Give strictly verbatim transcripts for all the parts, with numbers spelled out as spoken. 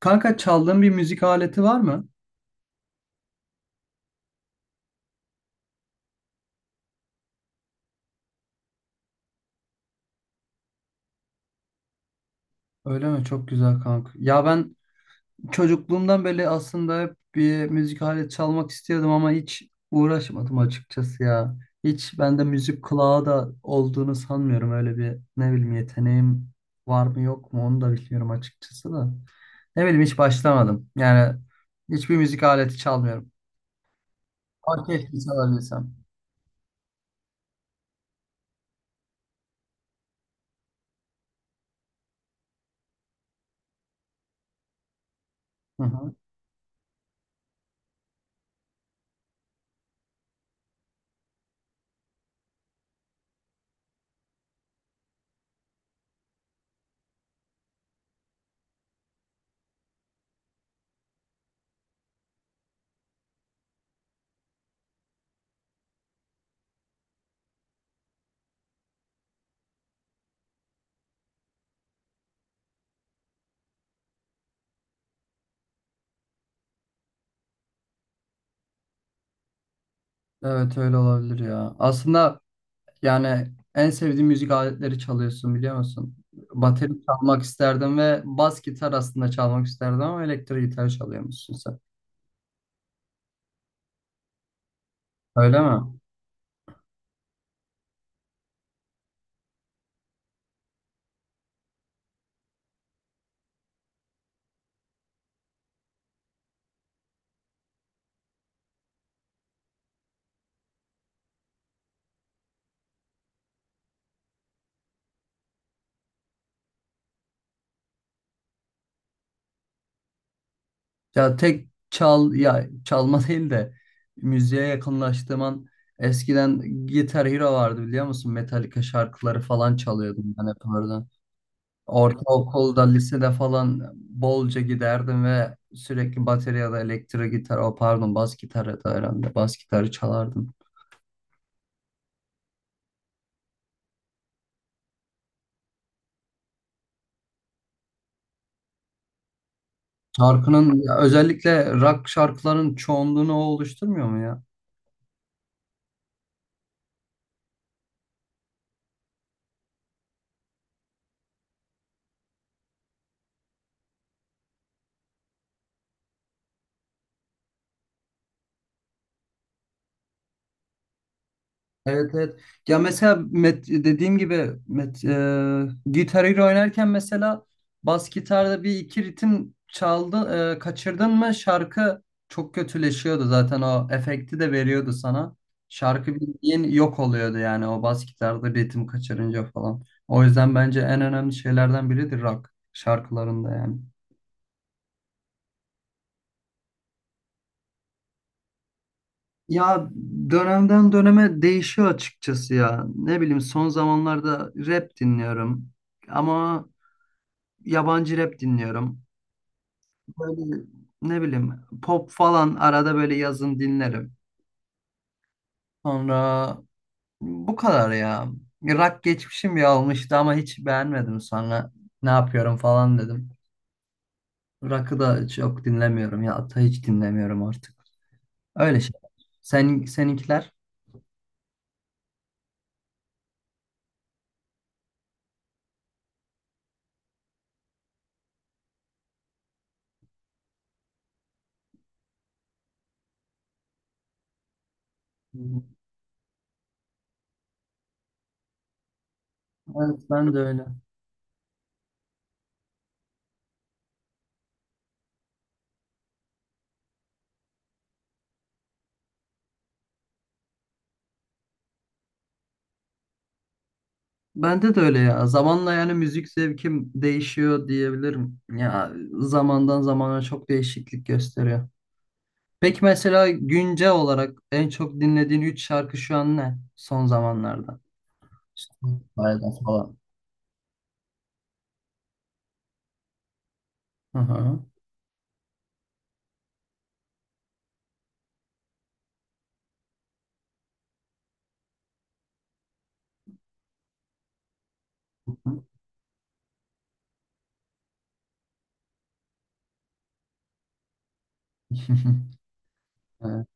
Kanka çaldığın bir müzik aleti var mı? Öyle mi? Çok güzel kanka. Ya ben çocukluğumdan beri aslında hep bir müzik aleti çalmak istiyordum ama hiç uğraşmadım açıkçası ya. Hiç bende müzik kulağı da olduğunu sanmıyorum. Öyle bir ne bileyim yeteneğim var mı yok mu onu da bilmiyorum açıkçası da. Ne bileyim hiç başlamadım. Yani hiçbir müzik aleti çalmıyorum. Ama keşke çalabilsem. Hı hı. Evet öyle olabilir ya. Aslında yani en sevdiğim müzik aletleri çalıyorsun biliyor musun? Bateri çalmak isterdim ve bas gitar aslında çalmak isterdim ama elektrik gitar çalıyormuşsun sen. Öyle mi? Ya tek çal ya çalma değil de müziğe yakınlaştığım an eskiden Guitar Hero vardı biliyor musun? Metallica şarkıları falan çalıyordum ben hep orada. Ortaokulda, lisede falan bolca giderdim ve sürekli bateri ya da elektro gitar, o pardon bas gitar ya da herhalde bas gitarı çalardım. Şarkının ya özellikle rock şarkıların çoğunluğunu o oluşturmuyor mu ya? Evet evet. Ya mesela met, dediğim gibi met, e, Guitar Hero oynarken mesela bas gitarda bir iki ritim çaldı, e, kaçırdın mı şarkı çok kötüleşiyordu zaten o efekti de veriyordu sana. Şarkı bildiğin yok oluyordu yani o bas gitarda ritim kaçırınca falan. O yüzden bence en önemli şeylerden biridir rock şarkılarında yani. Ya dönemden döneme değişiyor açıkçası ya. Ne bileyim son zamanlarda rap dinliyorum ama yabancı rap dinliyorum. Böyle ne bileyim pop falan arada böyle yazın dinlerim. Sonra bu kadar ya. Rock geçmişim bir olmuştu ama hiç beğenmedim sonra. Ne yapıyorum falan dedim. Rock'ı da çok dinlemiyorum ya. Hatta hiç dinlemiyorum artık. Öyle şey. Sen, seninkiler? Hı hı. Evet ben de öyle. Bende de öyle ya. Zamanla yani müzik zevkim değişiyor diyebilirim. Ya zamandan zamana çok değişiklik gösteriyor. Peki mesela güncel olarak en çok dinlediğin üç şarkı şu an ne? Son zamanlarda. Bayağı falan. Hı hı. Evet.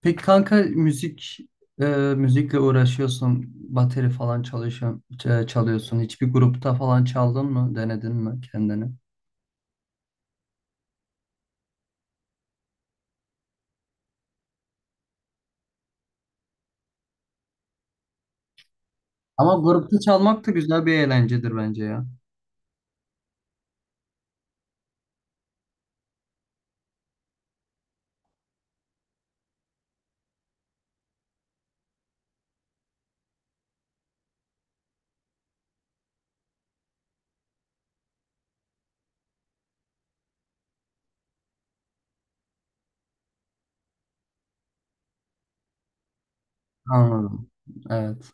Peki kanka müzik e, müzikle uğraşıyorsun, bateri falan çalışıyorsun, ç- çalıyorsun. Hiçbir grupta falan çaldın mı? Denedin mi kendini? Ama grupta çalmak da güzel bir eğlencedir bence ya. Anladım. Evet.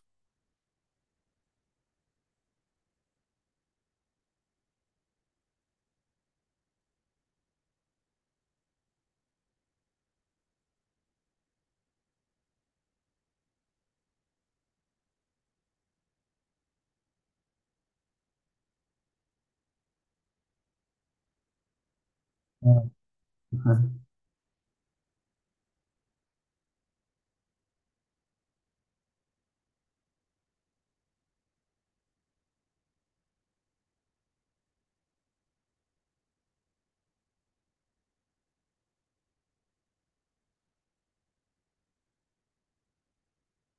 Evet. Heh,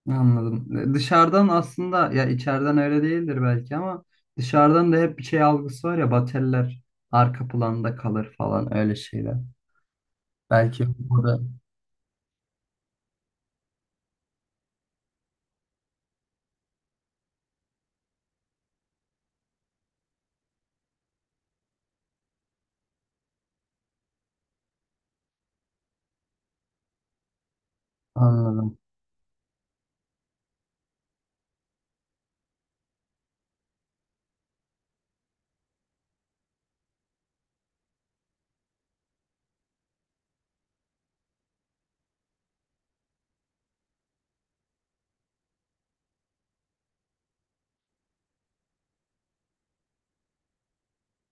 anladım. E, dışarıdan aslında ya içeriden öyle değildir belki ama dışarıdan da hep bir şey algısı var ya bateller arka planda kalır falan öyle şeyler. Belki burada. Anladım.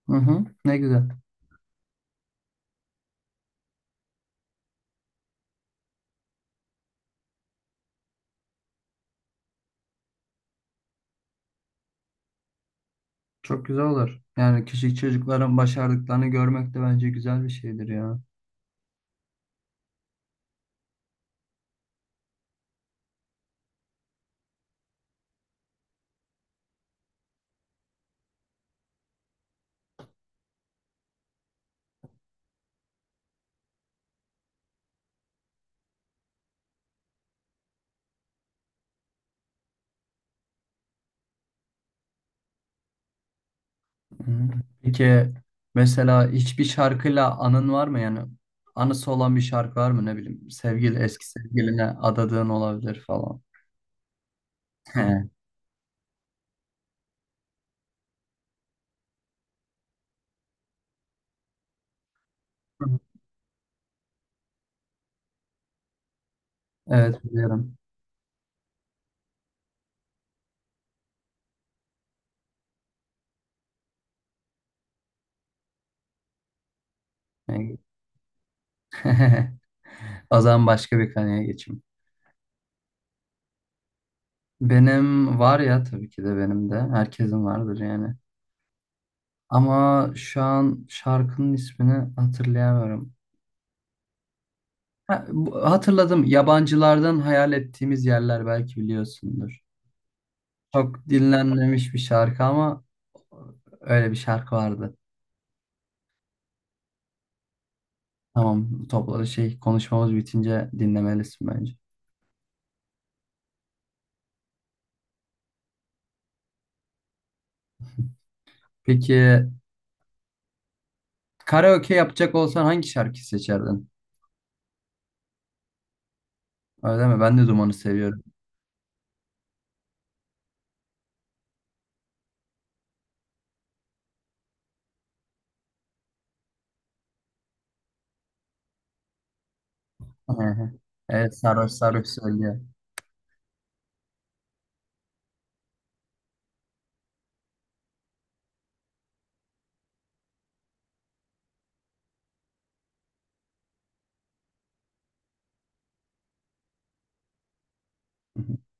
Hı hı. Ne güzel. Çok güzel olur. Yani küçük çocukların başardıklarını görmek de bence güzel bir şeydir ya. Hı hı. Peki mesela hiçbir şarkıyla anın var mı yani? Anısı olan bir şarkı var mı ne bileyim? Sevgili eski sevgiline adadığın olabilir falan. He. Evet biliyorum. O zaman başka bir konuya geçeyim. Benim var ya tabii ki de benim de. Herkesin vardır yani. Ama şu an şarkının ismini hatırlayamıyorum. Ha, bu- hatırladım. Yabancılardan hayal ettiğimiz yerler belki biliyorsundur. Çok dinlenmemiş bir şarkı ama öyle bir şarkı vardı. Tamam topladı şey konuşmamız bitince dinlemelisin bence. Peki karaoke yapacak olsan hangi şarkı seçerdin? Öyle mi? Ben de dumanı seviyorum. Evet sarhoş sarhoş söylüyor.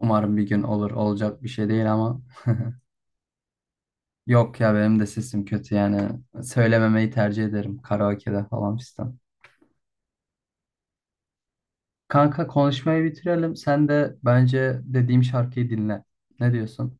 Umarım bir gün olur. Olacak bir şey değil ama yok ya benim de sesim kötü yani. Söylememeyi tercih ederim karaoke'de falan fistan. Kanka konuşmayı bitirelim. Sen de bence dediğim şarkıyı dinle. Ne diyorsun?